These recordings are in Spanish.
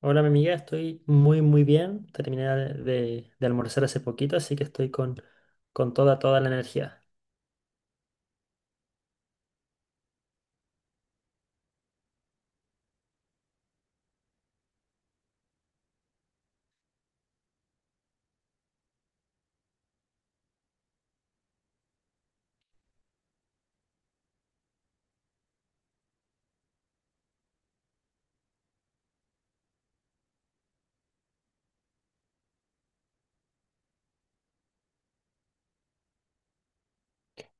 Hola, mi amiga, estoy muy, muy bien. Terminé de almorzar hace poquito, así que estoy con toda la energía.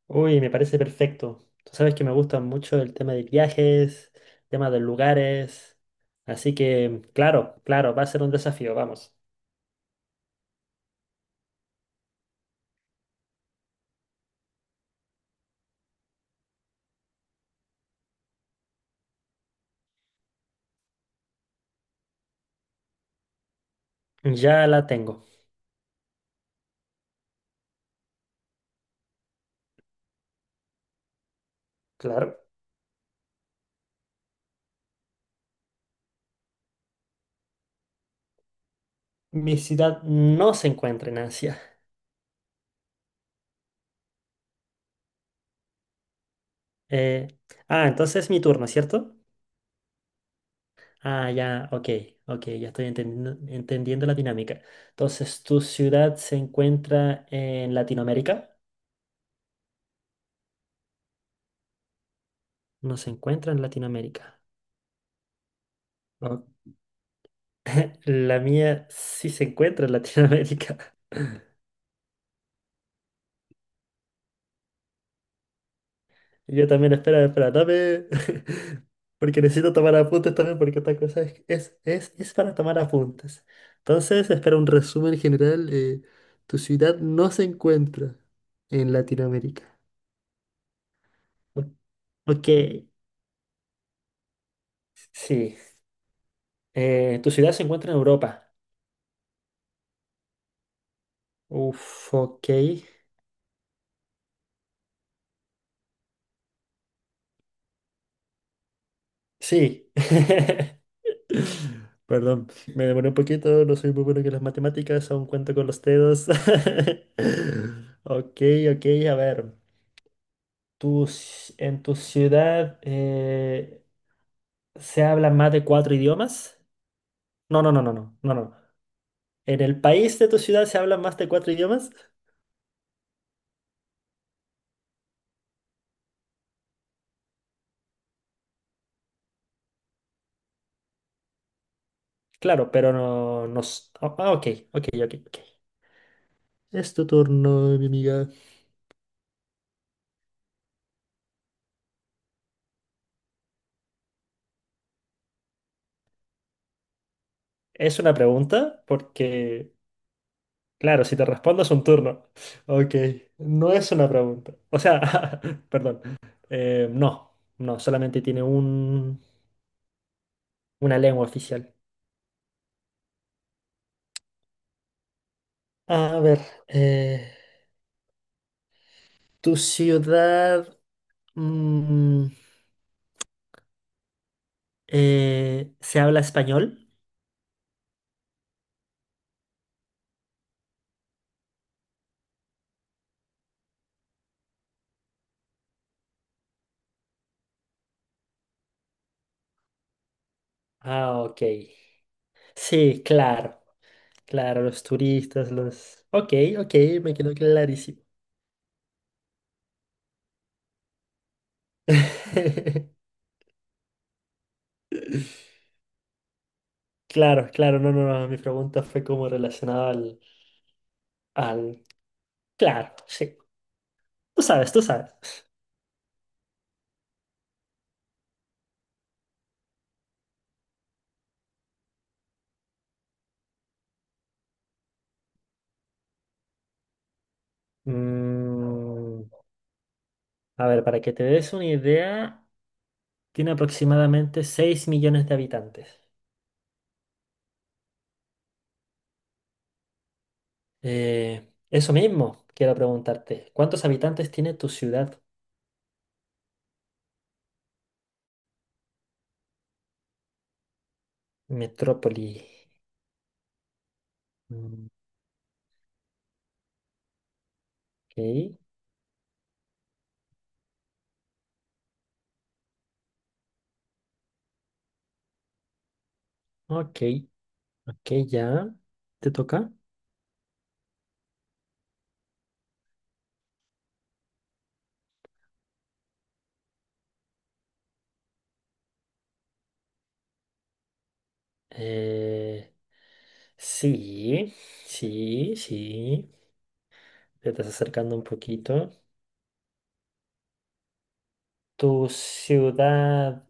Uy, me parece perfecto. Tú sabes que me gusta mucho el tema de viajes, tema de lugares. Así que, claro, claro, va a ser un desafío, vamos. Ya la tengo. Claro. Mi ciudad no se encuentra en Asia. Eh, entonces es mi turno, ¿cierto? Ya, ok, ok, ya estoy entendiendo la dinámica. Entonces, ¿tu ciudad se encuentra en Latinoamérica? No se encuentra en Latinoamérica. Ok. La mía sí se encuentra en Latinoamérica. Yo también, espera, espera, dame. Porque necesito tomar apuntes también, porque esta cosa es para tomar apuntes. Entonces, espera un resumen general. Tu ciudad no se encuentra en Latinoamérica. Ok, sí. Tu ciudad se encuentra en Europa. Uf, ok. Sí. Perdón, me demoré un poquito, no soy muy bueno con las matemáticas, aún cuento con los dedos. Ok, ok, a ver. En tu ciudad se hablan más de cuatro idiomas? No, no, no, no, no, no, no. ¿En el país de tu ciudad se hablan más de cuatro idiomas? Claro, pero no, no. s- oh, Ah, ok, ok, ok, ok. Es tu turno, mi amiga. Es una pregunta porque, claro, si te respondo es un turno. Ok, no es una pregunta. O sea, perdón. No, no, solamente tiene una lengua oficial. A ver, eh, ¿tu ciudad mm, se habla español? Ah, ok. Sí, claro, claro, los turistas, los... Ok, ok, me quedó clarísimo. Claro, claro, no, no, no, mi pregunta fue como relacionada al... Claro, sí, tú sabes, tú sabes. Mm, a ver, para que te des una idea, tiene aproximadamente 6.000.000 de habitantes. Eso mismo, quiero preguntarte, ¿cuántos habitantes tiene tu ciudad, metrópoli? Mm, Ok, ok, ok, ya, te toca. Eh, sí, sí, sí. Te estás acercando un poquito. Tu ciudad.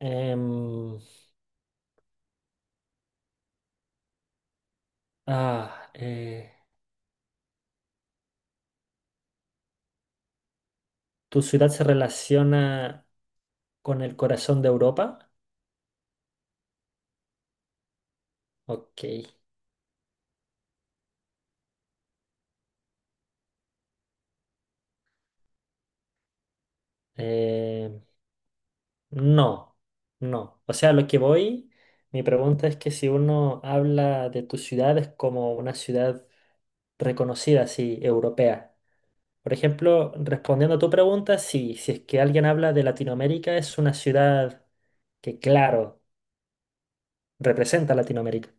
em, ah, eh, ¿Tu ciudad se relaciona con el corazón de Europa? Ok. Em, no, no. O sea, a lo que voy, mi pregunta es que si uno habla de tu ciudad es como una ciudad reconocida, así, europea. Por ejemplo, respondiendo a tu pregunta, sí, si es que alguien habla de Latinoamérica, es una ciudad que, claro. Representa a Latinoamérica.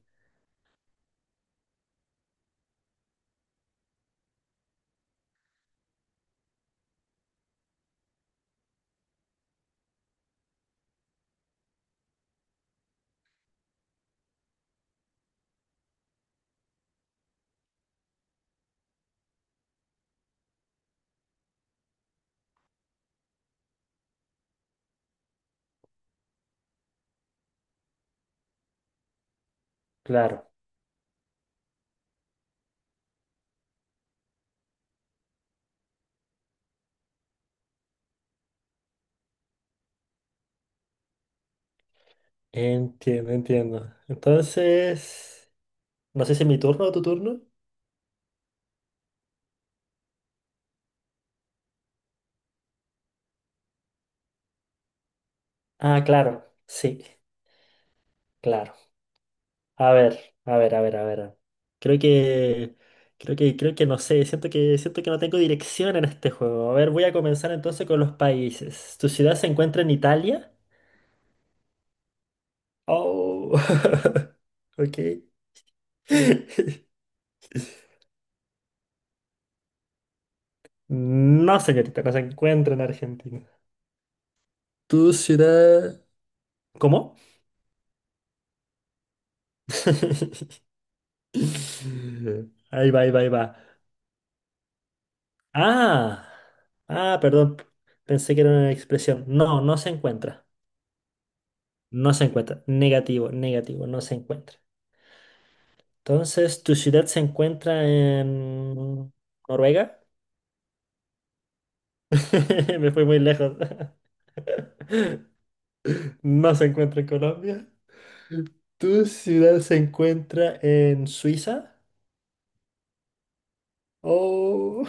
Claro, entiendo, entiendo. Entonces, no sé si es mi turno o tu turno. Ah, claro, sí, claro. A ver, a ver, a ver, a ver. Creo que, Creo que no sé, siento que no tengo dirección en este juego. A ver, voy a comenzar entonces con los países. ¿Tu ciudad se encuentra en Italia? Oh, ok. No, señorita, no se encuentra en Argentina. ¿Tu ciudad... ¿Cómo? Ahí va, ahí va, ahí va. Ah, Perdón. Pensé que era una expresión. No, no se encuentra. No se encuentra. Negativo, negativo, no se encuentra. Entonces, ¿tu ciudad se encuentra en Noruega? Me fui muy lejos. No se encuentra en Colombia. ¿Tu ciudad se encuentra en Suiza? Oh,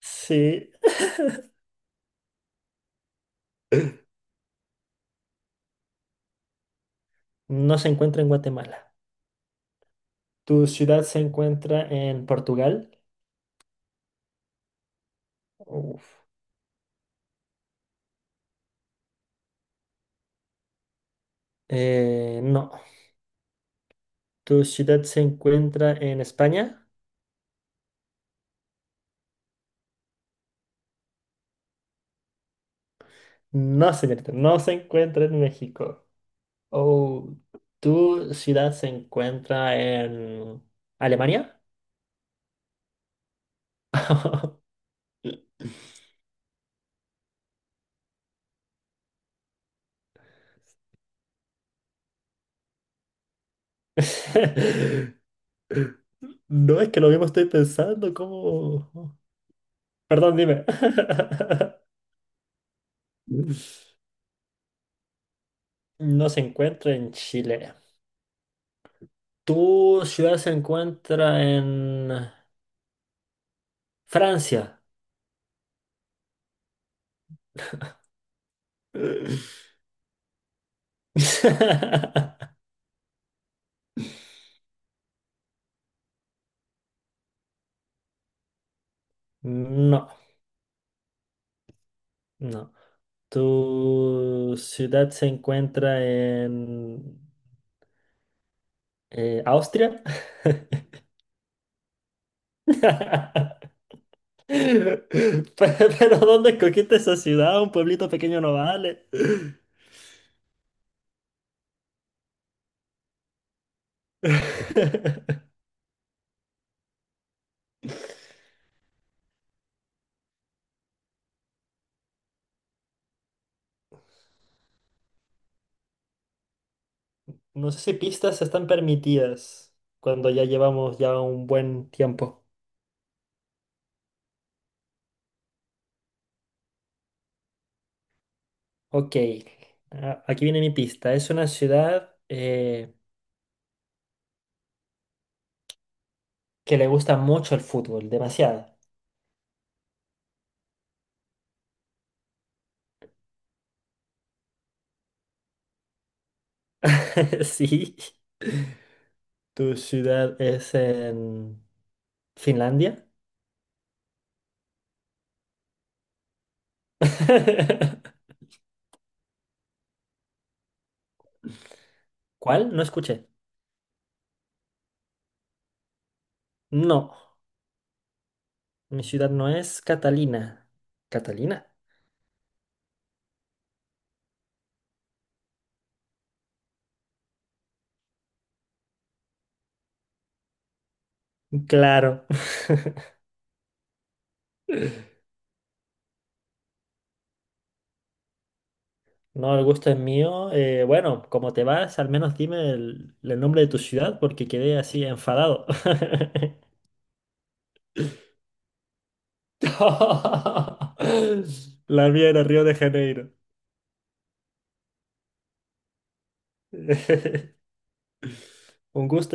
sí. No se encuentra en Guatemala. ¿Tu ciudad se encuentra en Portugal? Uf. No. ¿Tu ciudad se encuentra en España? No, señorita, no se encuentra en México. Oh, ¿tu ciudad se encuentra en Alemania? No, es que lo mismo estoy pensando, ¿cómo? Perdón, dime. No se encuentra en Chile. ¿Tu ciudad se encuentra en Francia? No, no. ¿Tu ciudad se encuentra en Austria? Pe- Pero, ¿dónde escogiste esa ciudad? Un pueblito pequeño no vale. No sé si pistas están permitidas cuando ya llevamos ya un buen tiempo. Ok, aquí viene mi pista. Es una ciudad que le gusta mucho el fútbol, demasiado. Sí. ¿Tu ciudad es en Finlandia? ¿Cuál? No escuché. No, mi ciudad no es Catalina. ¿Catalina? Claro. No, el gusto es mío. Bueno, como te vas, al menos dime el nombre de tu ciudad porque quedé así enfadado. La mía era Río de Janeiro. Un gusto.